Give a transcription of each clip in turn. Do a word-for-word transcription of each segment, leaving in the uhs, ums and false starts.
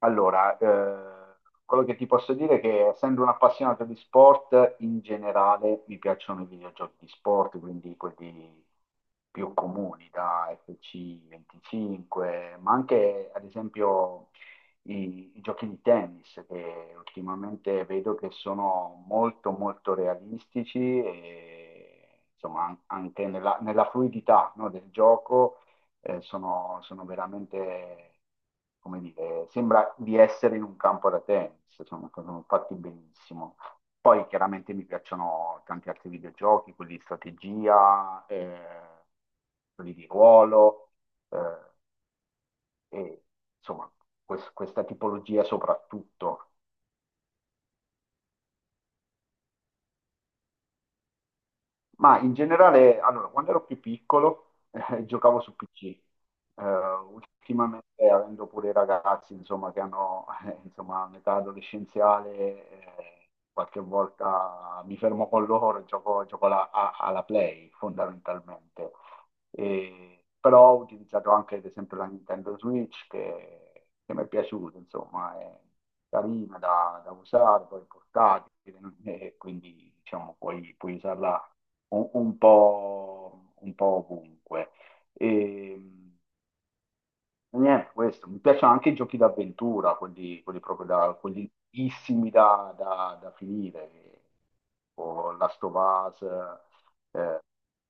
Allora, eh, quello che ti posso dire è che essendo un appassionato di sport, in generale mi piacciono i videogiochi di sport, quindi quelli più comuni, da F C venticinque, ma anche ad esempio i, i giochi di tennis, che ultimamente vedo che sono molto molto realistici e insomma an- anche nella, nella fluidità, no, del gioco eh, sono, sono veramente, come dire, sembra di essere in un campo da tennis, sono, sono fatti benissimo. Poi chiaramente mi piacciono tanti altri videogiochi, quelli di strategia, eh, quelli di ruolo, eh, e insomma, quest- questa tipologia soprattutto. Ma in generale, allora, quando ero più piccolo, eh, giocavo su P C. Eh, ultimamente, avendo pure i ragazzi, insomma, che hanno, eh, insomma, un'età adolescenziale, eh, qualche volta mi fermo con loro e gioco, gioco alla, a- alla Play, fondamentalmente. E- però ho utilizzato anche ad esempio la Nintendo Switch che, che mi è piaciuta, insomma, è carina da, da usare, poi portatile, e quindi diciamo puoi, puoi usarla un, un po', un po' ovunque. E, e Niente, questo. Mi piacciono anche i giochi d'avventura, quelli, quelli proprio da, quelli lunghissimi da, da- da finire, o Last of Us, eh,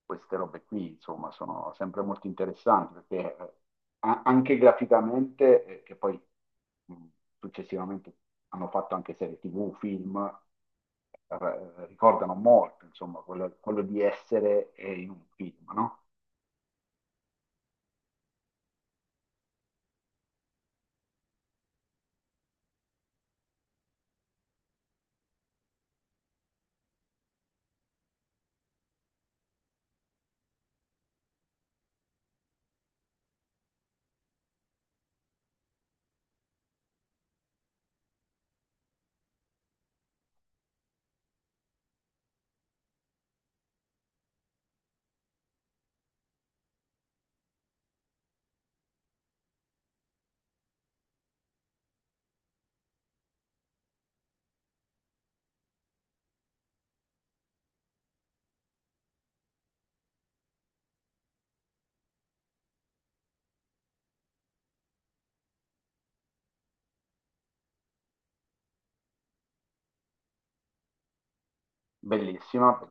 queste robe qui, insomma, sono sempre molto interessanti, perché eh, a- anche graficamente, eh, che poi mh, successivamente hanno fatto anche serie T V, film, r- ricordano molto, insomma, quello, quello di essere eh, in un film, no? Bellissima.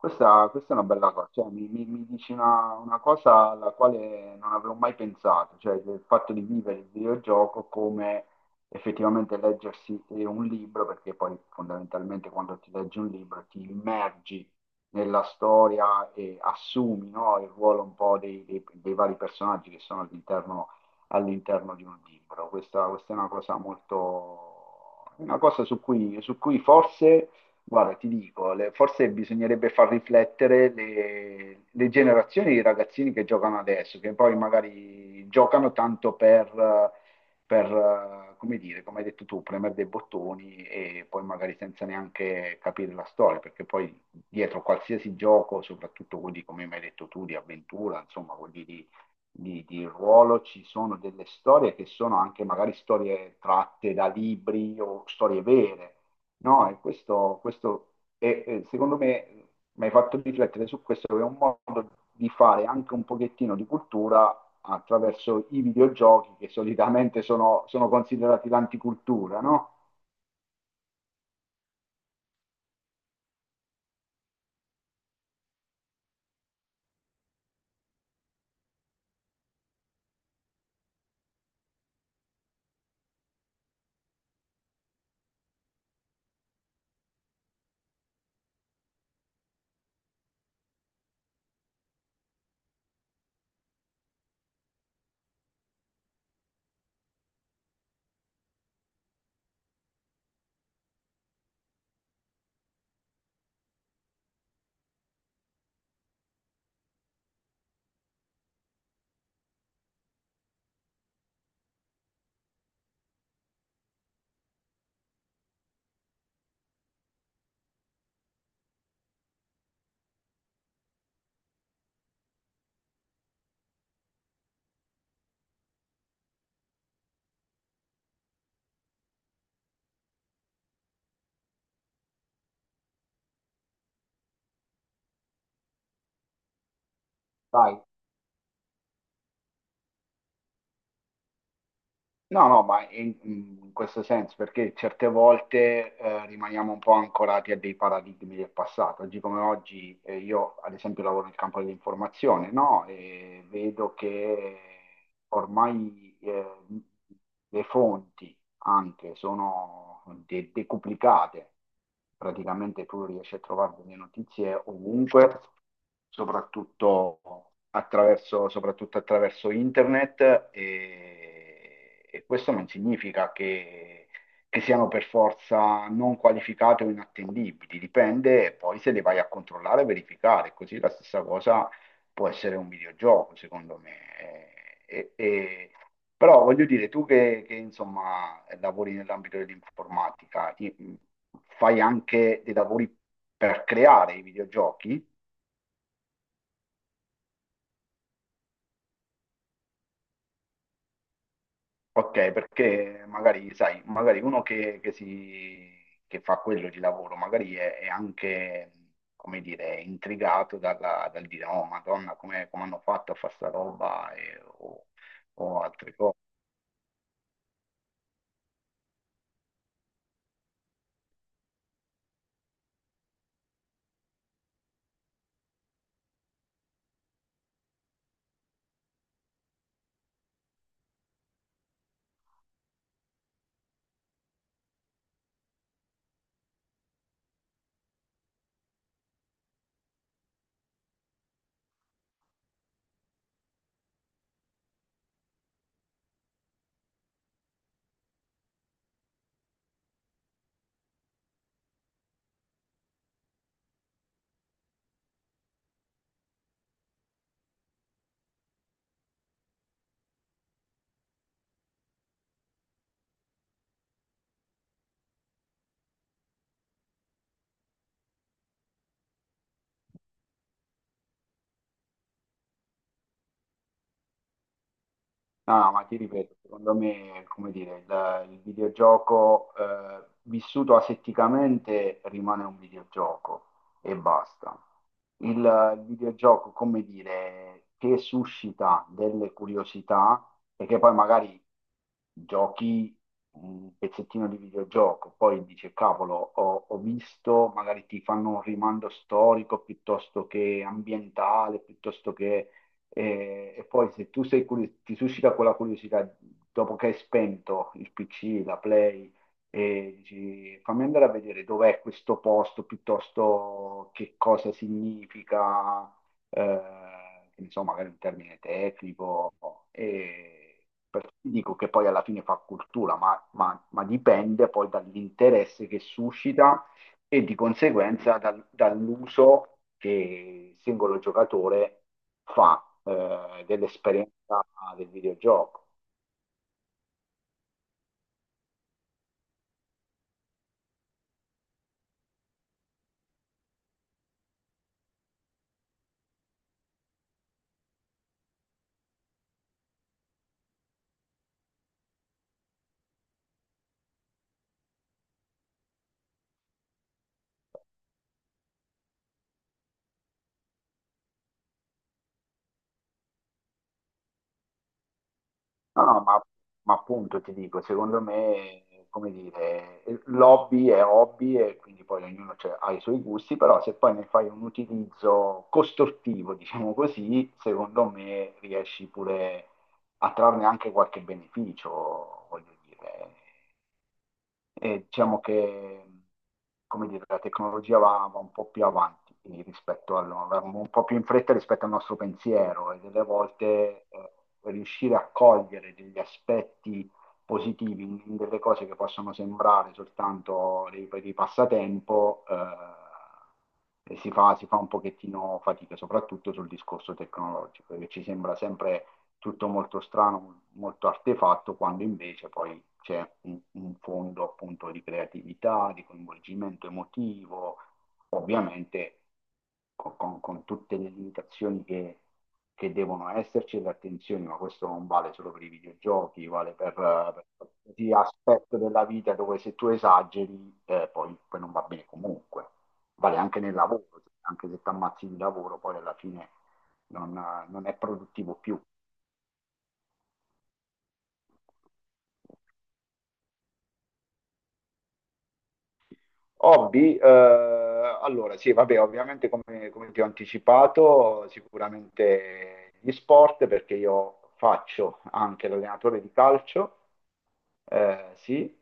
Questa, questa è una bella cosa, cioè, mi, mi- mi dici una, una cosa alla quale non avevo mai pensato, cioè il fatto di vivere il videogioco come effettivamente leggersi eh, un libro, perché poi fondamentalmente quando ti leggi un libro ti immergi nella storia e assumi, no, il ruolo un po' dei, dei- dei vari personaggi che sono all'interno all'interno di un libro. Questa, questa è una cosa molto, una cosa su cui, su cui, forse. Guarda, ti dico, le- forse bisognerebbe far riflettere le, le generazioni di ragazzini che giocano adesso, che poi magari giocano tanto per, eh, per, eh, come dire, come hai detto tu, premere dei bottoni e poi magari senza neanche capire la storia, perché poi dietro qualsiasi gioco, soprattutto quelli come mi hai detto tu, di avventura, insomma, quelli di, di di ruolo, ci sono delle storie che sono anche magari storie tratte da libri o storie vere. No, e questo, questo è- è- secondo me mi hai fatto riflettere su questo, che è un modo di fare anche un pochettino di cultura attraverso i videogiochi che solitamente sono, sono considerati l'anticultura, no? Sai. No, no, ma in, in questo senso, perché certe volte eh, rimaniamo un po' ancorati a dei paradigmi del passato. Oggi come oggi, eh, io ad esempio lavoro nel campo dell'informazione, no? E vedo che ormai eh, le fonti anche sono de- decuplicate. Praticamente tu riesci a trovare delle notizie ovunque, soprattutto attraverso, soprattutto attraverso internet e, e questo non significa che, che siano per forza non qualificate o inattendibili, dipende poi se le vai a controllare e verificare, così la stessa cosa può essere un videogioco, secondo me. E- e- però voglio dire, tu che, che, insomma, lavori nell'ambito dell'informatica, i- fai anche dei lavori per creare i videogiochi? Ok, perché magari, sai, magari uno che, che si, che fa quello di lavoro, magari è, è anche, come dire, intrigato dalla- dal dire, oh, Madonna, come, come hanno fatto a fare sta roba e- o o altre cose. No, no, ma ti ripeto, secondo me, come dire, il, il videogioco eh, vissuto asetticamente rimane un videogioco e basta. Il, il videogioco, come dire, che suscita delle curiosità e che poi magari giochi un pezzettino di videogioco, poi dici, cavolo, ho, ho visto, magari ti fanno un rimando storico piuttosto che ambientale, piuttosto che. E, e poi se tu sei curi- ti suscita quella curiosità dopo che hai spento il P C, la Play, e dici fammi andare a vedere dov'è questo posto piuttosto che cosa significa, eh, che ne so, magari un termine tecnico. E per- dico che poi alla fine fa cultura, ma ma- ma dipende poi dall'interesse che suscita e di conseguenza dal- dall'uso che il singolo giocatore fa eh, dell'esperienza del videogioco. No, no, ma, ma appunto ti dico, secondo me, come dire, l'hobby è hobby e quindi poi ognuno c'è- ha i suoi gusti, però se poi ne fai un utilizzo costruttivo, diciamo così, secondo me riesci pure a trarne anche qualche beneficio, voglio dire. E diciamo che, come dire, la tecnologia va, va un po' più avanti rispetto al, va un po' più in fretta rispetto al nostro pensiero e delle volte eh, riuscire a cogliere degli aspetti positivi in, in delle cose che possono sembrare soltanto dei, dei passatempo, eh, e si fa, si fa un pochettino fatica, soprattutto sul discorso tecnologico, che ci sembra sempre tutto molto strano, molto artefatto, quando invece poi c'è un, un fondo appunto di creatività, di coinvolgimento emotivo, ovviamente con, con tutte le limitazioni che, che devono esserci e le attenzioni, ma questo non vale solo per i videogiochi, vale per, per qualsiasi aspetto della vita dove se tu esageri eh, poi, poi non va bene comunque. Vale anche nel lavoro, anche se ti ammazzi di lavoro, poi alla fine non, non è produttivo più. Hobby, eh, allora sì, vabbè, ovviamente come, come ti ho anticipato, sicuramente gli sport, perché io faccio anche l'allenatore di calcio, eh, sì,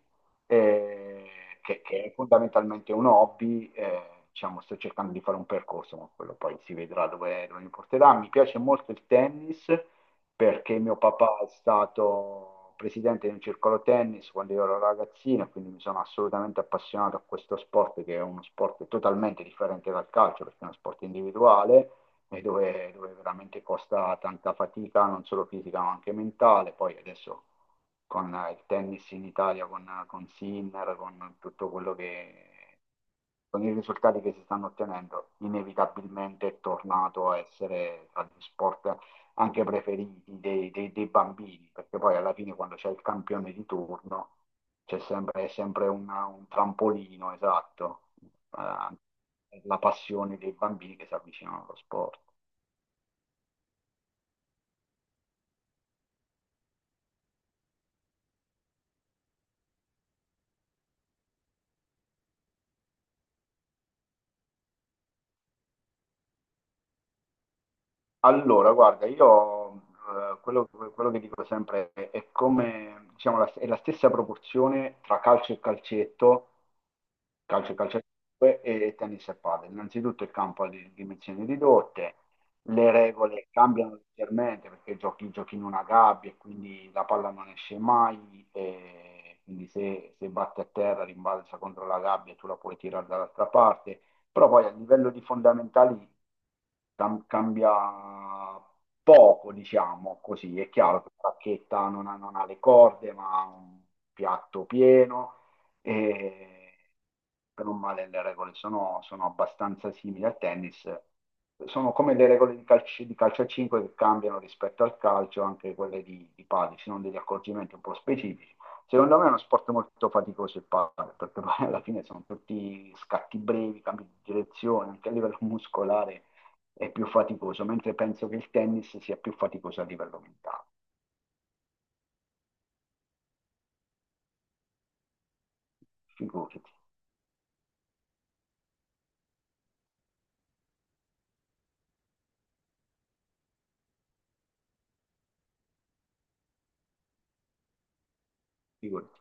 eh, che, che è fondamentalmente un hobby, eh, diciamo, sto cercando di fare un percorso, ma quello poi si vedrà dove, dove mi porterà. Mi piace molto il tennis, perché mio papà è stato presidente di un circolo tennis quando io ero ragazzino, e quindi mi sono assolutamente appassionato a questo sport, che è uno sport totalmente differente dal calcio, perché è uno sport individuale e dove, dove veramente costa tanta fatica, non solo fisica ma anche mentale. Poi adesso con eh, il tennis in Italia, con, con Sinner, con tutto quello che... Con i risultati che si stanno ottenendo, inevitabilmente è tornato a essere tra gli sport anche preferiti dei, dei- dei bambini, perché poi alla fine quando c'è il campione di turno c'è sempre, è sempre una- un trampolino, esatto, eh, per la passione dei bambini che si avvicinano allo sport. Allora, guarda, io eh, quello, quello che dico sempre è, è come, diciamo, la, è la stessa proporzione tra calcio e calcetto, calcio e calcetto e e tennis e padel. Innanzitutto il campo ha di dimensioni ridotte, le regole cambiano leggermente perché giochi, giochi in una gabbia e quindi la palla non esce mai e quindi se, se batte a terra rimbalza contro la gabbia e tu la puoi tirare dall'altra parte, però poi a livello di fondamentali cam- cambia poco, diciamo così, è chiaro che la bacchetta non ha, non ha le corde, ma ha un piatto pieno e per un male le regole sono, sono abbastanza simili al tennis. Sono come le regole di calcio, di calcio a cinque che cambiano rispetto al calcio, anche quelle di, di padel, ci sono degli accorgimenti un po' specifici. Secondo me è uno sport molto faticoso il padel, perché poi alla fine sono tutti scatti brevi, cambi di direzione, anche a livello muscolare è più faticoso, mentre penso che il tennis sia più faticoso a livello mentale. Figurati, figurati.